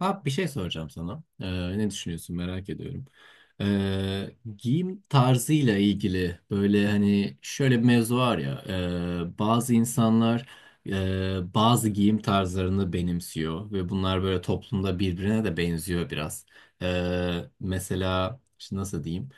Abi bir şey soracağım sana. Ne düşünüyorsun merak ediyorum. Giyim tarzıyla ilgili böyle hani şöyle bir mevzu var ya. Bazı insanlar bazı giyim tarzlarını benimsiyor ve bunlar böyle toplumda birbirine de benziyor biraz. Mesela şimdi nasıl diyeyim?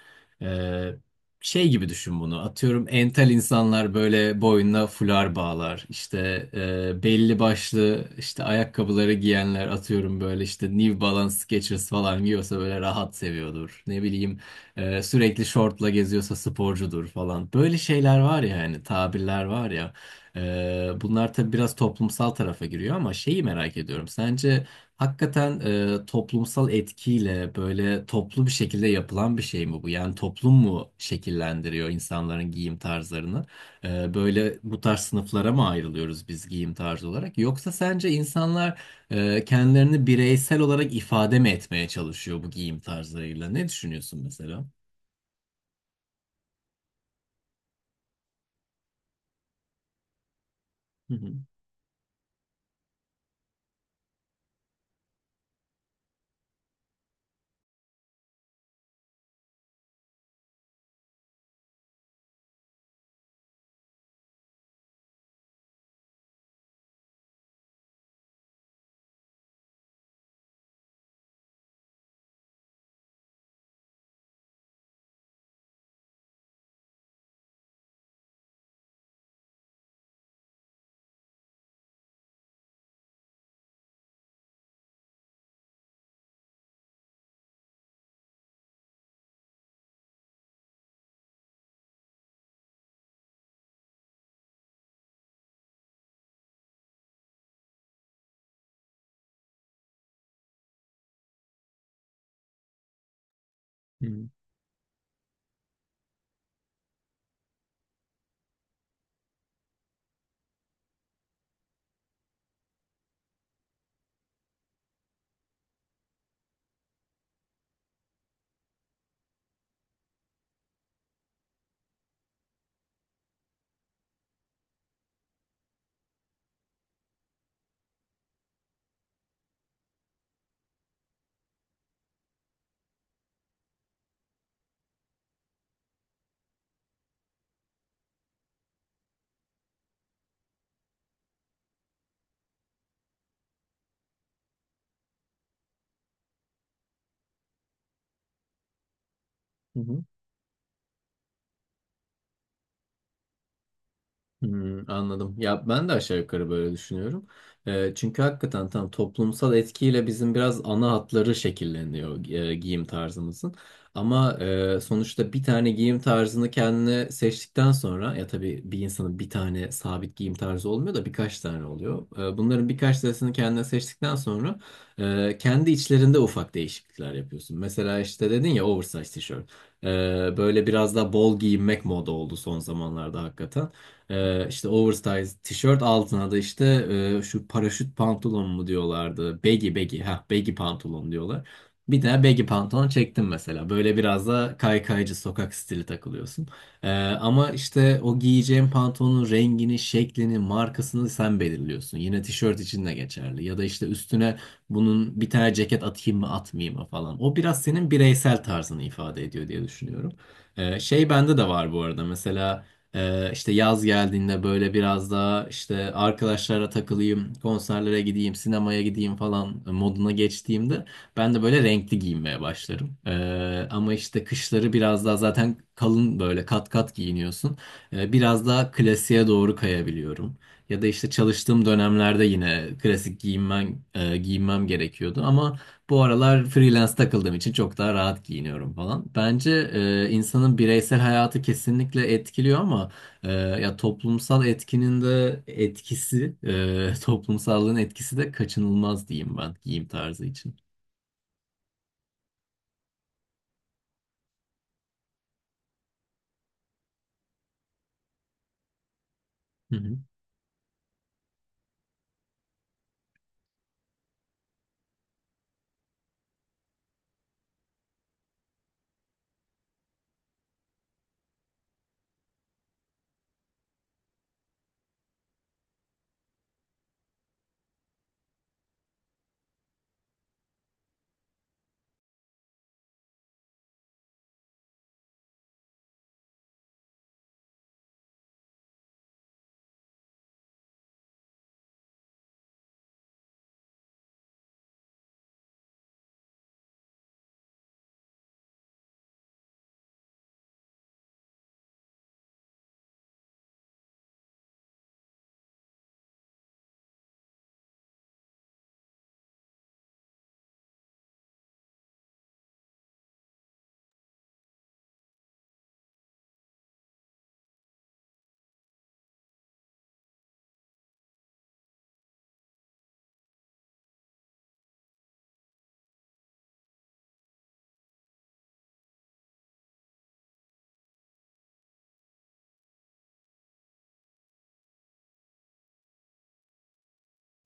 Ee, Şey gibi düşün bunu. Atıyorum entel insanlar böyle boynuna fular bağlar. İşte belli başlı işte ayakkabıları giyenler atıyorum böyle işte New Balance Skechers falan giyiyorsa böyle rahat seviyordur. Ne bileyim sürekli şortla geziyorsa sporcudur falan. Böyle şeyler var ya hani tabirler var ya. Bunlar tabii biraz toplumsal tarafa giriyor ama şeyi merak ediyorum. Sence hakikaten toplumsal etkiyle böyle toplu bir şekilde yapılan bir şey mi bu? Yani toplum mu şekillendiriyor insanların giyim tarzlarını? Böyle bu tarz sınıflara mı ayrılıyoruz biz giyim tarzı olarak? Yoksa sence insanlar kendilerini bireysel olarak ifade mi etmeye çalışıyor bu giyim tarzlarıyla? Ne düşünüyorsun mesela? Hı hı. Hı hı. Hı hı. Hmm, anladım. Ya ben de aşağı yukarı böyle düşünüyorum. Çünkü hakikaten tam toplumsal etkiyle bizim biraz ana hatları şekilleniyor giyim tarzımızın. Ama sonuçta bir tane giyim tarzını kendine seçtikten sonra ya tabii bir insanın bir tane sabit giyim tarzı olmuyor da birkaç tane oluyor. Bunların birkaç tanesini kendine seçtikten sonra kendi içlerinde ufak değişiklikler yapıyorsun. Mesela işte dedin ya oversize tişört. E, Böyle biraz daha bol giyinmek moda oldu son zamanlarda hakikaten. İşte oversize tişört altına da işte şu paraşüt pantolon mu diyorlardı. Baggy baggy ha baggy pantolon diyorlar. Bir de baggy pantolon çektim mesela. Böyle biraz da kaykaycı sokak stili takılıyorsun. Ama işte o giyeceğin pantolonun rengini, şeklini, markasını sen belirliyorsun. Yine tişört için de geçerli. Ya da işte üstüne bunun bir tane ceket atayım mı atmayayım mı falan. O biraz senin bireysel tarzını ifade ediyor diye düşünüyorum. Şey bende de var bu arada. Mesela işte yaz geldiğinde böyle biraz daha işte arkadaşlara takılayım, konserlere gideyim, sinemaya gideyim falan moduna geçtiğimde ben de böyle renkli giyinmeye başlarım. Ama işte kışları biraz daha zaten kalın böyle kat kat giyiniyorsun. Biraz daha klasiğe doğru kayabiliyorum. Ya da işte çalıştığım dönemlerde yine klasik giyinmem gerekiyordu ama bu aralar freelance takıldığım için çok daha rahat giyiniyorum falan. Bence insanın bireysel hayatı kesinlikle etkiliyor ama ya toplumsal etkinin de toplumsallığın etkisi de kaçınılmaz diyeyim ben giyim tarzı için. Hı hı.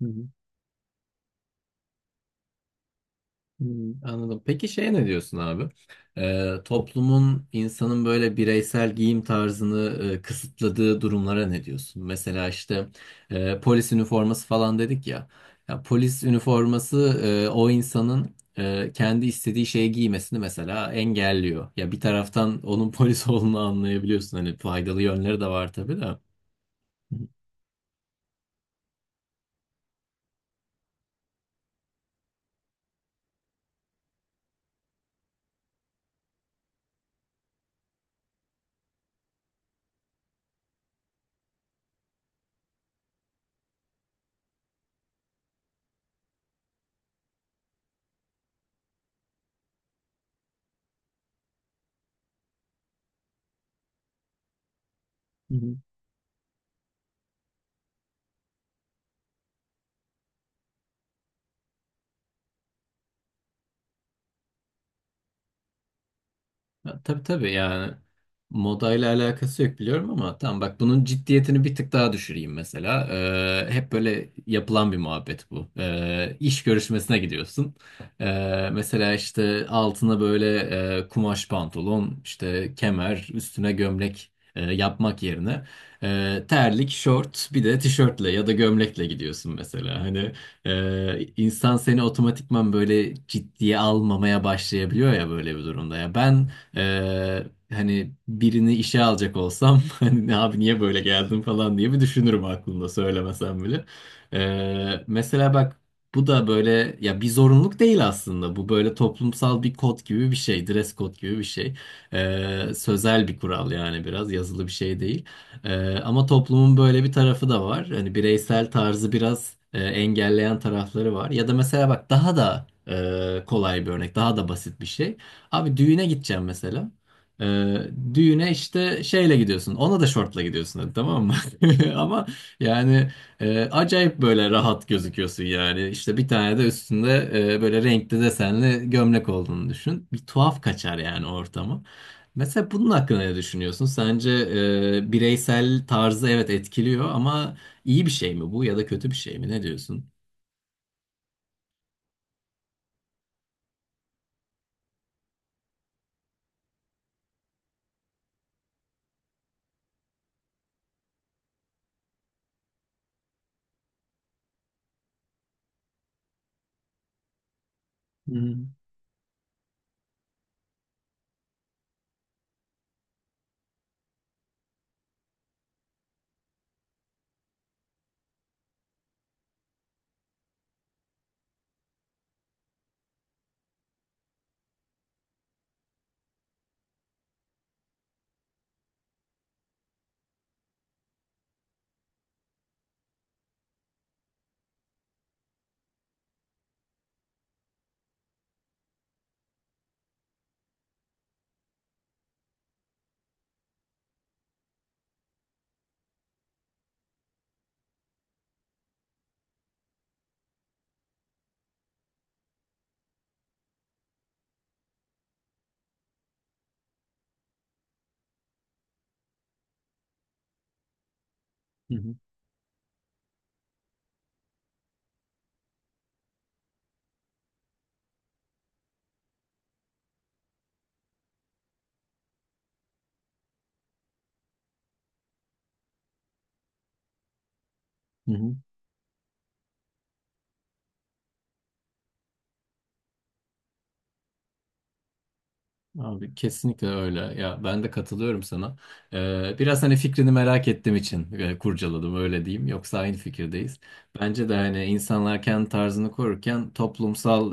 Hı hı. Hmm, anladım. Peki şeye ne diyorsun abi? Toplumun insanın böyle bireysel giyim tarzını kısıtladığı durumlara ne diyorsun? Mesela işte polis üniforması falan dedik ya. Ya polis üniforması o insanın kendi istediği şeyi giymesini mesela engelliyor. Ya bir taraftan onun polis olduğunu anlayabiliyorsun. Hani faydalı yönleri de var tabii de. Hı hı. Hı hı. Ya, tabii tabii yani modayla alakası yok biliyorum ama tamam bak bunun ciddiyetini bir tık daha düşüreyim mesela. Hep böyle yapılan bir muhabbet bu. İş görüşmesine gidiyorsun. Mesela işte altına böyle kumaş pantolon, işte kemer, üstüne gömlek yapmak yerine terlik, şort, bir de tişörtle ya da gömlekle gidiyorsun mesela. Hani insan seni otomatikman böyle ciddiye almamaya başlayabiliyor ya böyle bir durumda. Ya ben ee, hani birini işe alacak olsam hani "Ne abi niye böyle geldin falan diye bir düşünürüm aklımda söylemesem bile. Mesela bak bu da böyle ya bir zorunluluk değil aslında. Bu böyle toplumsal bir kod gibi bir şey, dress code gibi bir şey. Sözel bir kural yani biraz yazılı bir şey değil. Ama toplumun böyle bir tarafı da var. Hani bireysel tarzı biraz engelleyen tarafları var. Ya da mesela bak daha da kolay bir örnek, daha da basit bir şey. Abi düğüne gideceğim mesela. Ee, Düğüne işte şeyle gidiyorsun. Ona da şortla gidiyorsun hadi tamam mı? Ama yani acayip böyle rahat gözüküyorsun yani. İşte bir tane de üstünde böyle renkli desenli gömlek olduğunu düşün. Bir tuhaf kaçar yani ortamı. Mesela bunun hakkında ne düşünüyorsun? Sence bireysel tarzı evet etkiliyor ama iyi bir şey mi bu ya da kötü bir şey mi? Ne diyorsun? Hı hı. Hı hı. Hı hı. Abi kesinlikle öyle. Ya ben de katılıyorum sana. Biraz hani fikrini merak ettiğim için kurcaladım öyle diyeyim. Yoksa aynı fikirdeyiz. Bence de hani insanlar kendi tarzını korurken toplumsal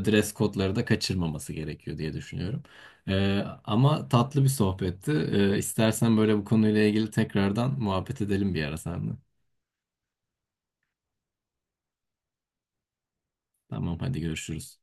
dress kodları da kaçırmaması gerekiyor diye düşünüyorum. Ama tatlı bir sohbetti. İstersen böyle bu konuyla ilgili tekrardan muhabbet edelim bir ara seninle. Tamam hadi görüşürüz.